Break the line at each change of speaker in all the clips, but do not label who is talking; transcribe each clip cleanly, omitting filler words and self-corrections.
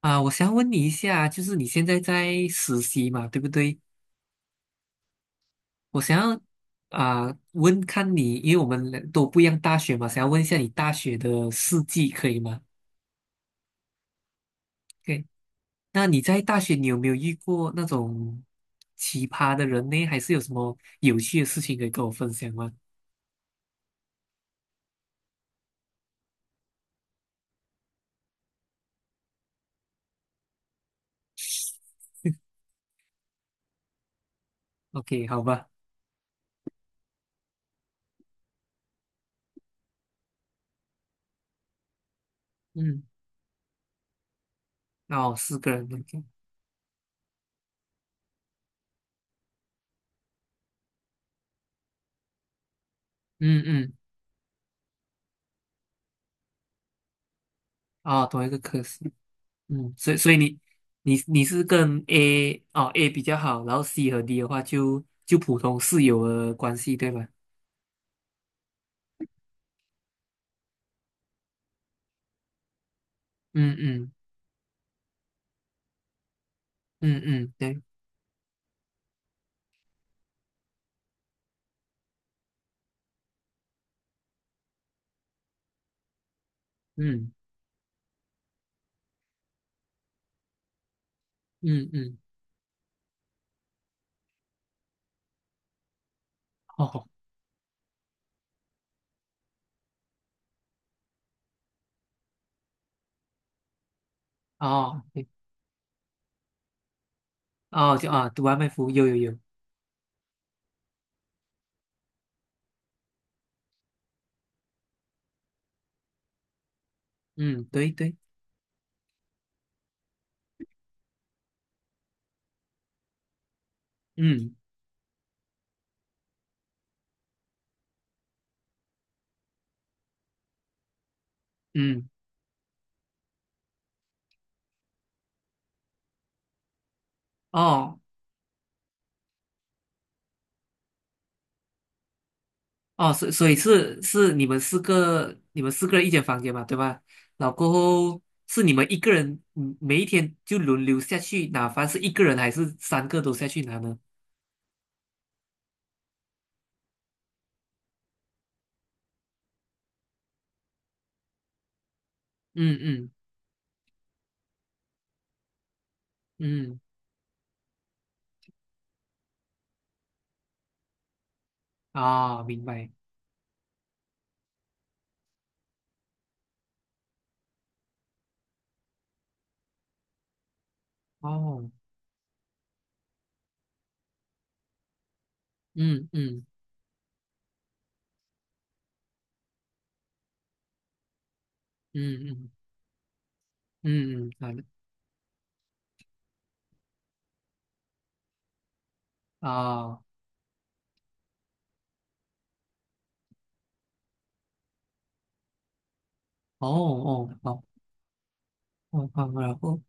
啊，我想要问你一下，就是你现在在实习嘛，对不对？我想要问看你，因为我们两都不一样大学嘛，想要问一下你大学的事迹，可以吗？OK，那你在大学你有没有遇过那种奇葩的人呢？还是有什么有趣的事情可以跟我分享吗？OK，好吧，嗯，哦，四个人，OK，嗯嗯，哦，同一个科室，嗯，所以你是跟 A 哦 A 比较好，然后 C 和 D 的话就普通室友的关系，对吧？嗯嗯嗯嗯，对，嗯嗯嗯，哦哦，对，哦，就啊，读完卖服务有有有，嗯，对对，嗯嗯，哦哦，所以是你们四个人一间房间嘛，对吧？然后过后是你们一个人，每一天就轮流下去拿饭，是一个人还是三个都下去拿呢？嗯嗯嗯。啊，明白。哦，嗯嗯嗯嗯嗯嗯，好的。啊，哦哦，好，好，好，然后，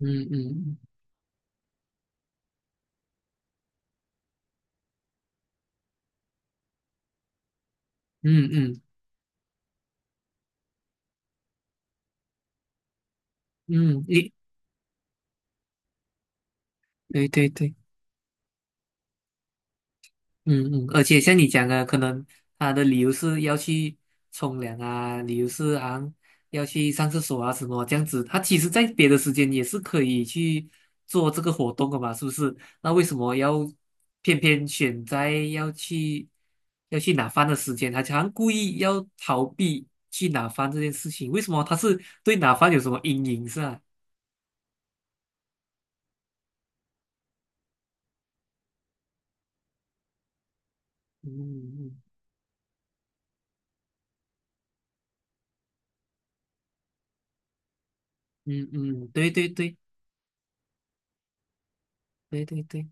嗯嗯嗯嗯嗯嗯，一，对对对。嗯嗯，而且像你讲的，可能他的理由是要去冲凉啊，理由是好像要去上厕所啊什么这样子。他其实在别的时间也是可以去做这个活动的嘛，是不是？那为什么要偏偏选在要去拿饭的时间？他好像故意要逃避去拿饭这件事情，为什么他是对拿饭有什么阴影是吧？嗯嗯嗯嗯，对对对对对对。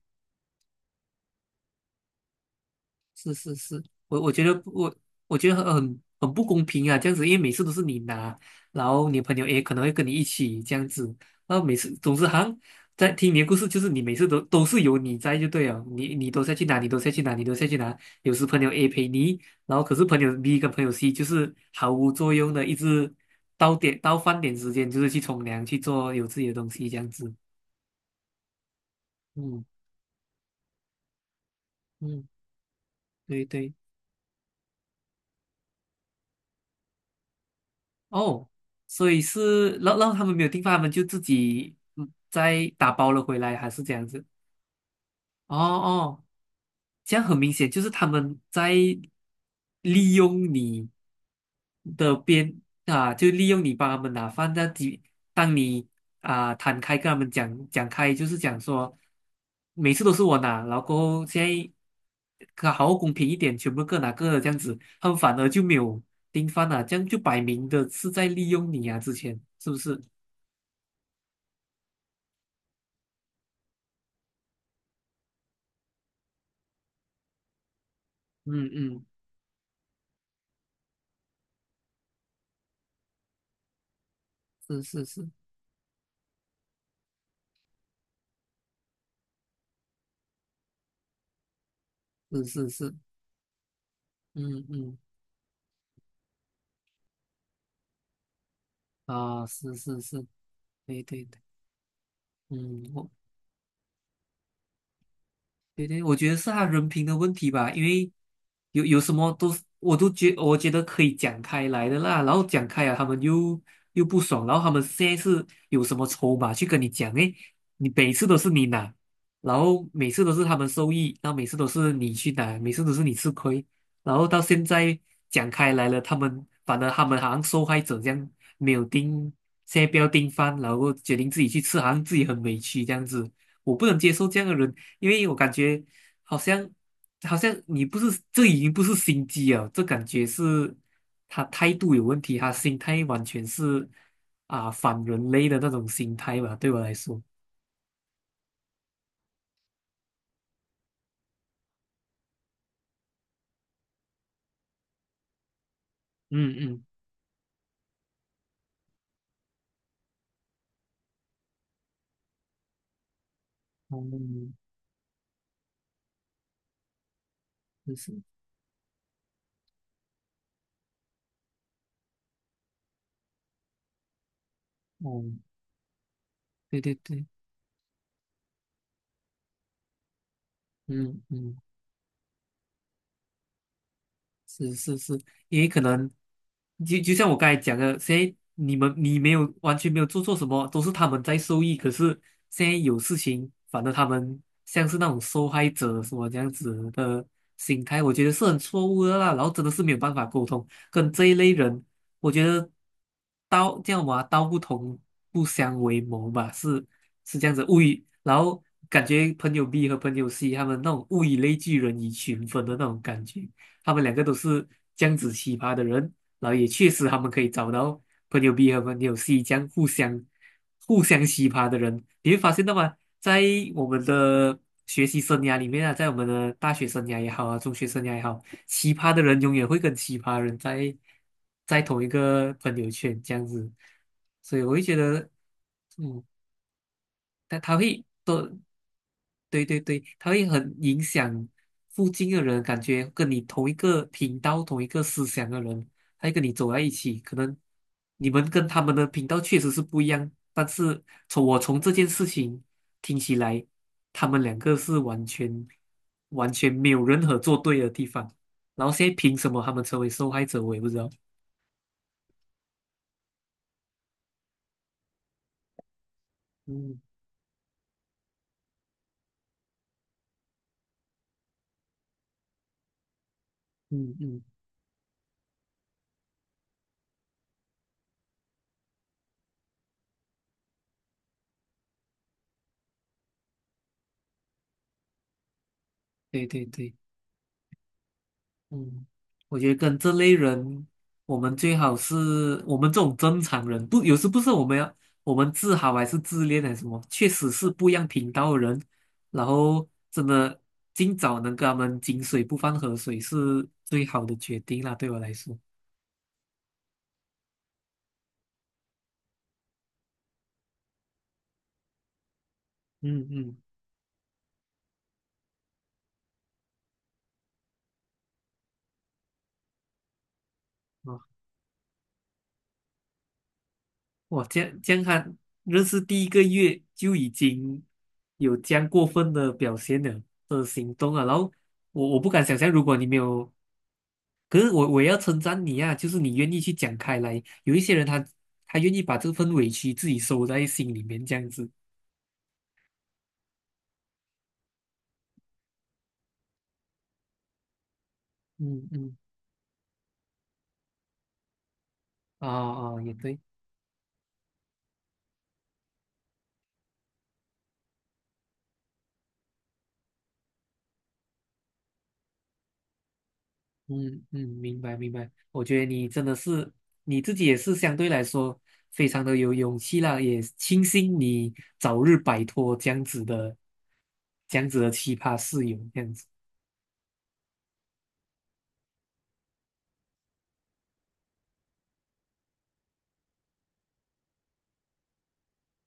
是是是，我我觉得不我我觉得很不公平啊，这样子，因为每次都是你拿，然后你的朋友可能会跟你一起这样子，然后每次总是好像在听你的故事，就是你每次都是有你在就对了，你都下去拿，你都下去拿，你都下去拿，有时朋友 A 陪你，然后可是朋友 B 跟朋友 C 就是毫无作用的，一直到饭点时间就是去冲凉去做有自己的东西这样子，嗯嗯，对对。哦，所以是让他们没有地方，他们就自己再打包了回来，还是这样子？哦哦，这样很明显就是他们在利用你的边啊，就利用你帮他们拿饭。那几当你啊摊开跟他们讲开，就是讲说每次都是我拿，然后过后现在可好好公平一点，全部各拿各的这样子，他们反而就没有订饭了，这样就摆明的是在利用你啊，之前是不是？嗯嗯，是是是是是是，嗯嗯，啊，是是是，对对对。嗯，对对，我觉得是他人品的问题吧，因为有什么都是我觉得可以讲开来的啦，然后讲开了，他们又不爽，然后他们现在是有什么筹码去跟你讲？诶，你每次都是你拿，然后每次都是他们受益，然后每次都是你去拿，每次都是你吃亏，然后到现在讲开来了，他们反而他们好像受害者这样，没有盯，现在不要盯饭，然后决定自己去吃，好像自己很委屈这样子，我不能接受这样的人。因为我感觉好像好像你不是，这已经不是心机了，这感觉是他态度有问题，他心态完全是反人类的那种心态吧，对我来说，嗯嗯，哦，就是，哦，对对对，嗯嗯。是是是，因为可能就像我刚才讲的，现在你没有完全没有做错什么，都是他们在受益。可是现在有事情，反而他们像是那种受害者什么这样子的心态，我觉得是很错误的啦。然后真的是没有办法沟通，跟这一类人，我觉得道叫嘛，道不同不相为谋吧，是这样子。然后感觉朋友 B 和朋友 C 他们那种物以类聚，人以群分的那种感觉。他们两个都是这样子奇葩的人，然后也确实他们可以找到朋友 B 和朋友 C 这样互相奇葩的人。你会发现到吗？在我们的学习生涯里面啊，在我们的大学生涯也好啊，中学生涯也好，奇葩的人永远会跟奇葩人在同一个朋友圈这样子，所以我会觉得，嗯，但他会多。对对对，他会很影响附近的人，感觉跟你同一个频道、同一个思想的人，他会跟你走在一起。可能你们跟他们的频道确实是不一样，但是从这件事情听起来，他们两个是完全没有任何做对的地方。然后现在凭什么他们成为受害者，我也不知道。嗯嗯嗯，对对对。嗯，我觉得跟这类人，我们最好是我们这种正常人，不，有时不是我们要我们自豪还是自恋还是什么，确实是不一样频道的人，然后真的尽早能跟他们井水不犯河水是最好的决定啦，对我来说。嗯嗯，哦，哇，这样看，认识第一个月就已经有这样过分的表现了的行动啊。然后我不敢想象，如果你没有。可是我也要称赞你啊，就是你愿意去讲开来。有一些人他愿意把这份委屈自己收在心里面，这样子。嗯嗯，啊、也对。嗯嗯，明白明白。我觉得你真的是你自己也是相对来说非常的有勇气啦，也庆幸你早日摆脱这样子的奇葩室友，这样子。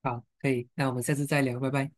好，可以，那我们下次再聊，拜拜。